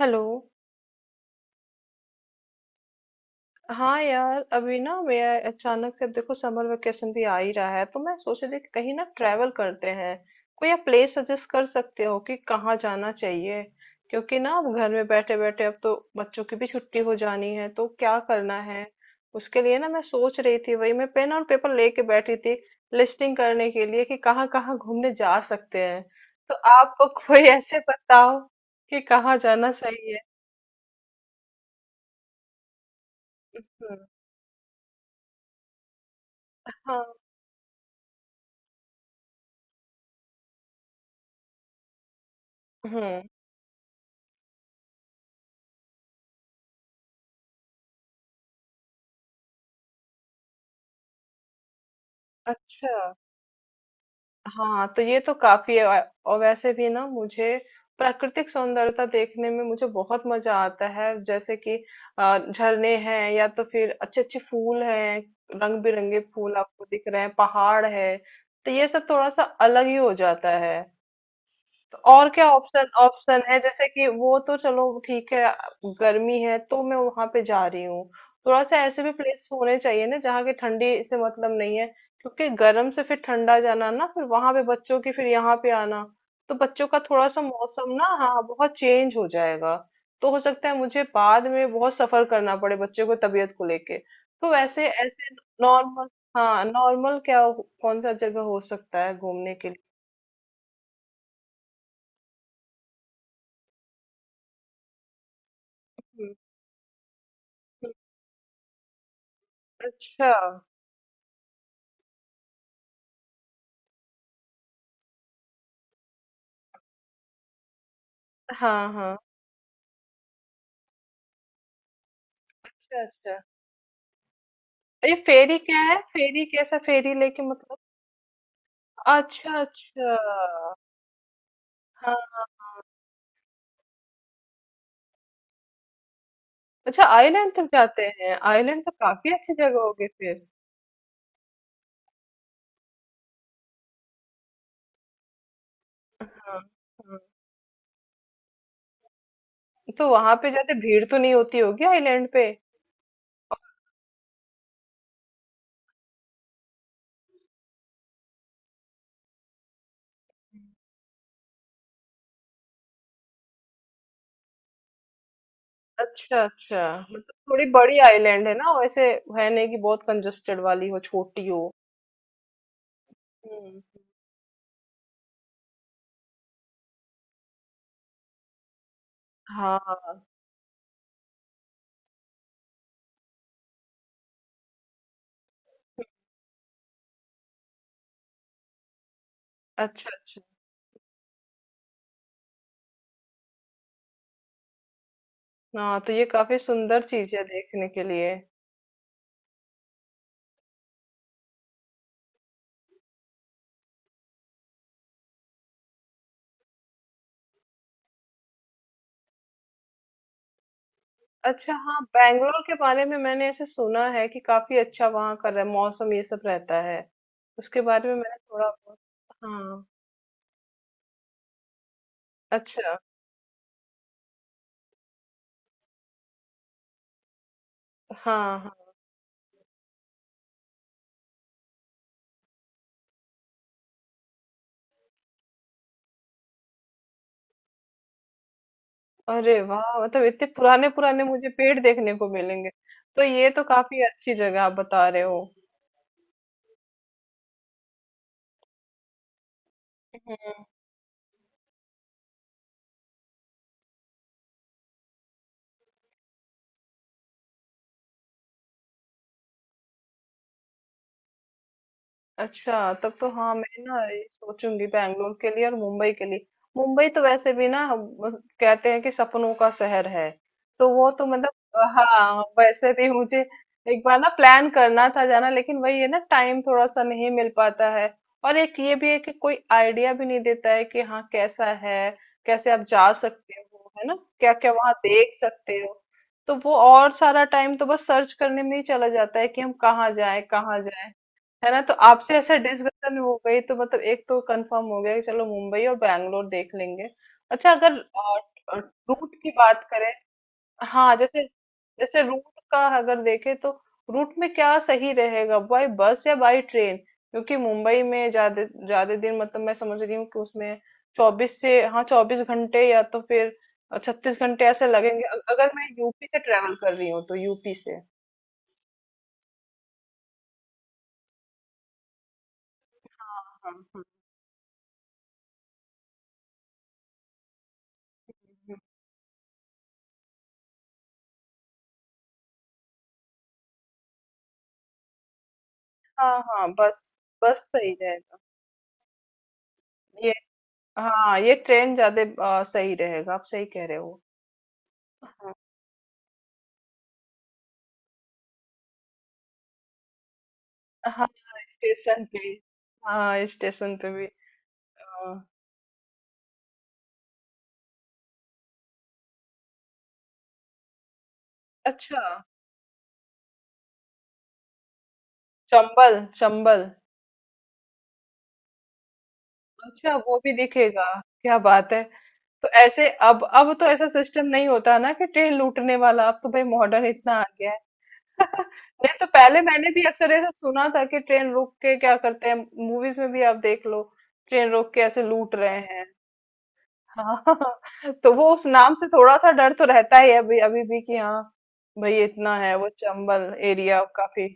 Hello. हाँ यार, अभी ना मैं अचानक से, अब देखो समर वेकेशन भी आ ही रहा है तो मैं सोच रही थी कि कहीं ना ट्रैवल करते हैं। कोई आप प्लेस सजेस्ट कर सकते हो कि कहाँ जाना चाहिए? क्योंकि ना अब घर में बैठे बैठे, अब तो बच्चों की भी छुट्टी हो जानी है तो क्या करना है। उसके लिए ना मैं सोच रही थी, वही मैं पेन और पेपर लेके बैठी थी लिस्टिंग करने के लिए कि कहाँ कहाँ घूमने जा सकते हैं। तो आप कोई ऐसे बताओ कि कहाँ जाना सही है। हम्म। हाँ। हम्म। अच्छा। हाँ तो ये तो काफी है। और वैसे भी ना मुझे प्राकृतिक सौंदर्यता देखने में मुझे बहुत मजा आता है, जैसे कि झरने हैं या तो फिर अच्छे अच्छे फूल हैं, रंग बिरंगे फूल आपको दिख रहे हैं, पहाड़ है तो ये सब थोड़ा सा अलग ही हो जाता है। तो और क्या ऑप्शन ऑप्शन है? जैसे कि वो तो चलो ठीक है। गर्मी है तो मैं वहां पे जा रही हूँ, थोड़ा सा ऐसे भी प्लेस होने चाहिए ना जहाँ की ठंडी से मतलब नहीं है। क्योंकि गर्म से फिर ठंडा जाना ना, फिर वहां पे बच्चों की, फिर यहाँ पे आना, तो बच्चों का थोड़ा सा मौसम ना, हाँ, बहुत चेंज हो जाएगा। तो हो सकता है मुझे बाद में बहुत सफर करना पड़े बच्चों को तबीयत को लेके। तो वैसे ऐसे नॉर्मल, हाँ नॉर्मल क्या कौन सा जगह हो सकता है घूमने के लिए? हम्म। हम्म। अच्छा। हाँ, हाँ। अच्छा, अच्छा। ये फेरी क्या है? फेरी कैसा? फेरी लेके मतलब? अच्छा, अच्छा। हाँ, हाँ। अच्छा, आइलैंड तक जाते हैं। आइलैंड तो काफ़ी अच्छी जगह होगी फिर। हाँ, हाँ। तो वहाँ पे जाते भीड़ तो नहीं होती होगी आइलैंड पे? अच्छा, अच्छा। मतलब थोड़ी बड़ी आइलैंड है ना, वैसे है नहीं कि बहुत कंजस्टेड वाली हो, छोटी हो। हुँ। हाँ। अच्छा, अच्छा। हाँ, तो ये काफ़ी सुंदर चीज़ है देखने के लिए। अच्छा हाँ, बैंगलोर के बारे में मैंने ऐसे सुना है कि काफी अच्छा वहाँ का मौसम ये सब रहता है। उसके बारे में मैंने थोड़ा बहुत। हाँ। अच्छा। हाँ, हाँ। अरे वाह, मतलब इतने पुराने पुराने मुझे पेड़ देखने को मिलेंगे। तो ये तो काफी अच्छी जगह आप बता रहे हो। अच्छा, तब तो हाँ मैं ना ये सोचूंगी बैंगलोर के लिए और मुंबई के लिए। मुंबई तो वैसे भी ना हम कहते हैं कि सपनों का शहर है, तो वो तो मतलब हाँ वैसे भी मुझे एक बार ना प्लान करना था जाना, लेकिन वही है ना, टाइम थोड़ा सा नहीं मिल पाता है। और एक ये भी है कि कोई आइडिया भी नहीं देता है कि हाँ कैसा है, कैसे आप जा सकते हो है ना, क्या क्या वहाँ देख सकते हो। तो वो, और सारा टाइम तो बस सर्च करने में ही चला जाता है कि हम कहाँ जाएं कहाँ जाएं। है ना, तो आपसे ऐसा डिस्कशन हो गई तो मतलब एक तो कंफर्म हो गया कि चलो मुंबई और बैंगलोर देख लेंगे। अच्छा, अगर रूट की बात करें। हाँ, जैसे जैसे रूट का अगर देखें तो रूट में क्या सही रहेगा, बाय बस या बाय ट्रेन? क्योंकि मुंबई में ज्यादा ज्यादा दिन, मतलब मैं समझ रही हूँ कि उसमें 24 से, हाँ, 24 घंटे या तो फिर 36 घंटे ऐसे लगेंगे। अगर मैं यूपी से ट्रेवल कर रही हूँ तो यूपी से। हाँ हाँ। हाँ। हाँ हाँ, बस, बस सही रहेगा ये। हाँ ये ट्रेन ज्यादा सही रहेगा, आप सही कह रहे हो। हाँ। हाँ, स्टेशन पे। हाँ स्टेशन पे भी। अ, अच्छा। चंबल चंबल। अच्छा वो भी दिखेगा। क्या बात है। तो ऐसे अब तो ऐसा सिस्टम नहीं होता ना कि ट्रेन लूटने वाला, अब तो भाई मॉडर्न इतना आ गया है। नहीं, तो पहले मैंने भी अक्सर ऐसा सुना था कि ट्रेन रोक के क्या करते हैं। मूवीज में भी आप देख लो, ट्रेन रोक के ऐसे लूट रहे हैं। हाँ तो वो उस नाम से थोड़ा सा डर तो रहता ही है अभी, अभी भी, कि हाँ भाई इतना है वो चंबल एरिया काफी।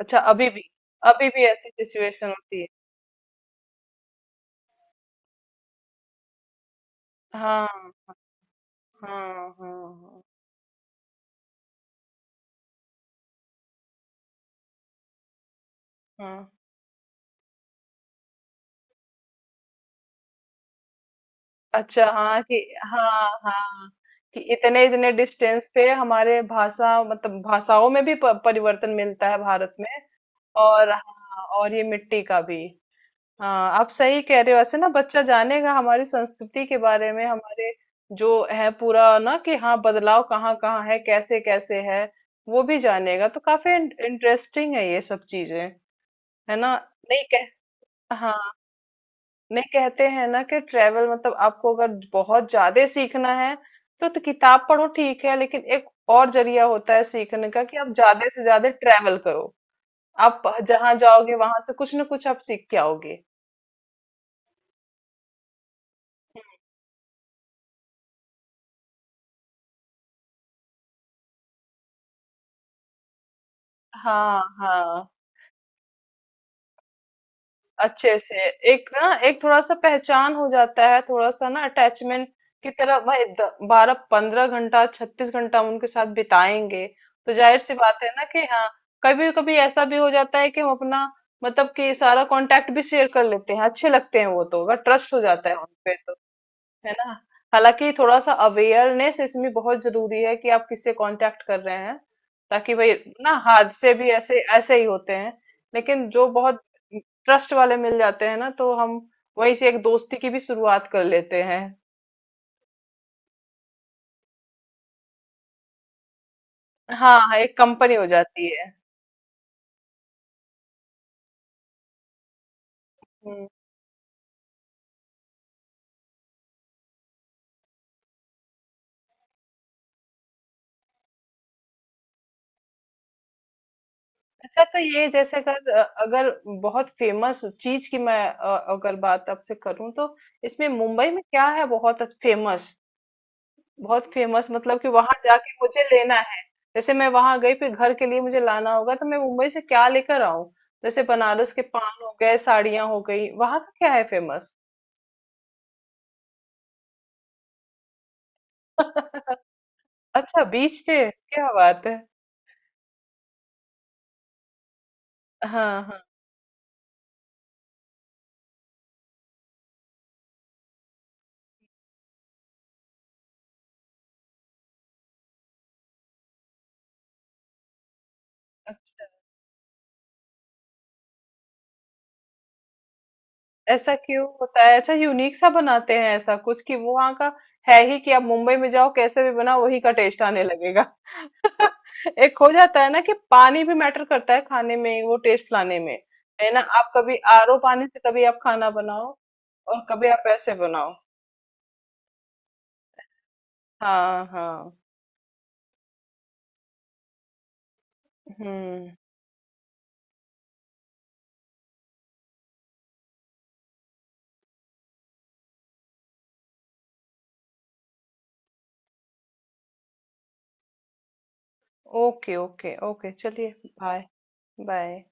अच्छा, अभी भी? अभी भी ऐसी सिचुएशन होती है? हाँ हाँ। हाँ हाँ। हाँ। अच्छा हाँ कि हाँ हाँ, कि इतने इतने डिस्टेंस पे हमारे भाषा, मतलब भाषाओं में भी परिवर्तन मिलता है भारत में। और हाँ, और ये मिट्टी का भी। हाँ आप सही कह रहे हो, ऐसे ना बच्चा जानेगा हमारी संस्कृति के बारे में, हमारे जो है पूरा ना, कि हाँ बदलाव कहाँ कहाँ है, कैसे कैसे है वो भी जानेगा। तो काफी इंटरेस्टिंग है ये सब चीजें, है ना। नहीं कह हाँ, नहीं कहते हैं ना कि ट्रेवल मतलब आपको अगर बहुत ज्यादा सीखना है तो किताब पढ़ो ठीक है, लेकिन एक और जरिया होता है सीखने का कि आप ज्यादा से ज्यादा ट्रेवल करो। आप जहां जाओगे वहां से कुछ ना कुछ आप सीख के आओगे। हाँ हाँ। अच्छे से एक ना एक थोड़ा सा पहचान हो जाता है, थोड़ा सा ना अटैचमेंट की तरह। भाई 12 15 घंटा, 36 घंटा हम उनके साथ बिताएंगे, तो जाहिर सी बात है ना कि हाँ कभी कभी ऐसा भी हो जाता है कि हम अपना, मतलब कि सारा कांटेक्ट भी शेयर कर लेते हैं, अच्छे लगते हैं वो तो, अगर ट्रस्ट हो जाता है उनपे, है ना। हालांकि थोड़ा सा अवेयरनेस इसमें बहुत जरूरी है कि आप किससे कांटेक्ट कर रहे हैं, ताकि भाई ना हादसे भी ऐसे ऐसे ही होते हैं। लेकिन जो बहुत ट्रस्ट वाले मिल जाते हैं ना, तो हम वहीं से एक दोस्ती की भी शुरुआत कर लेते हैं। हाँ हाँ, एक कंपनी हो जाती है। हम्म। अच्छा, तो ये जैसे अगर अगर बहुत फेमस चीज की मैं, अगर बात आपसे करूं तो इसमें मुंबई में क्या है बहुत फेमस, बहुत फेमस, मतलब कि वहां जाके मुझे लेना है, जैसे मैं वहां गई फिर घर के लिए मुझे लाना होगा तो मैं मुंबई से क्या लेकर आऊं? जैसे बनारस के पान हो गए, साड़ियां हो गई, वहां का क्या है फेमस? अच्छा बीच पे, क्या बात है। हाँ हाँ। ऐसा क्यों होता है? ऐसा यूनिक सा बनाते हैं ऐसा कुछ कि वो वहाँ का है ही कि आप मुंबई में जाओ कैसे भी बनाओ वही का टेस्ट आने लगेगा। एक हो जाता है ना कि पानी भी मैटर करता है खाने में वो टेस्ट लाने में, है ना? आप कभी आरओ पानी से, कभी आप खाना बनाओ, और कभी आप ऐसे बनाओ। हाँ हाँ। हम्म। ओके ओके ओके, चलिए। बाय। बाय।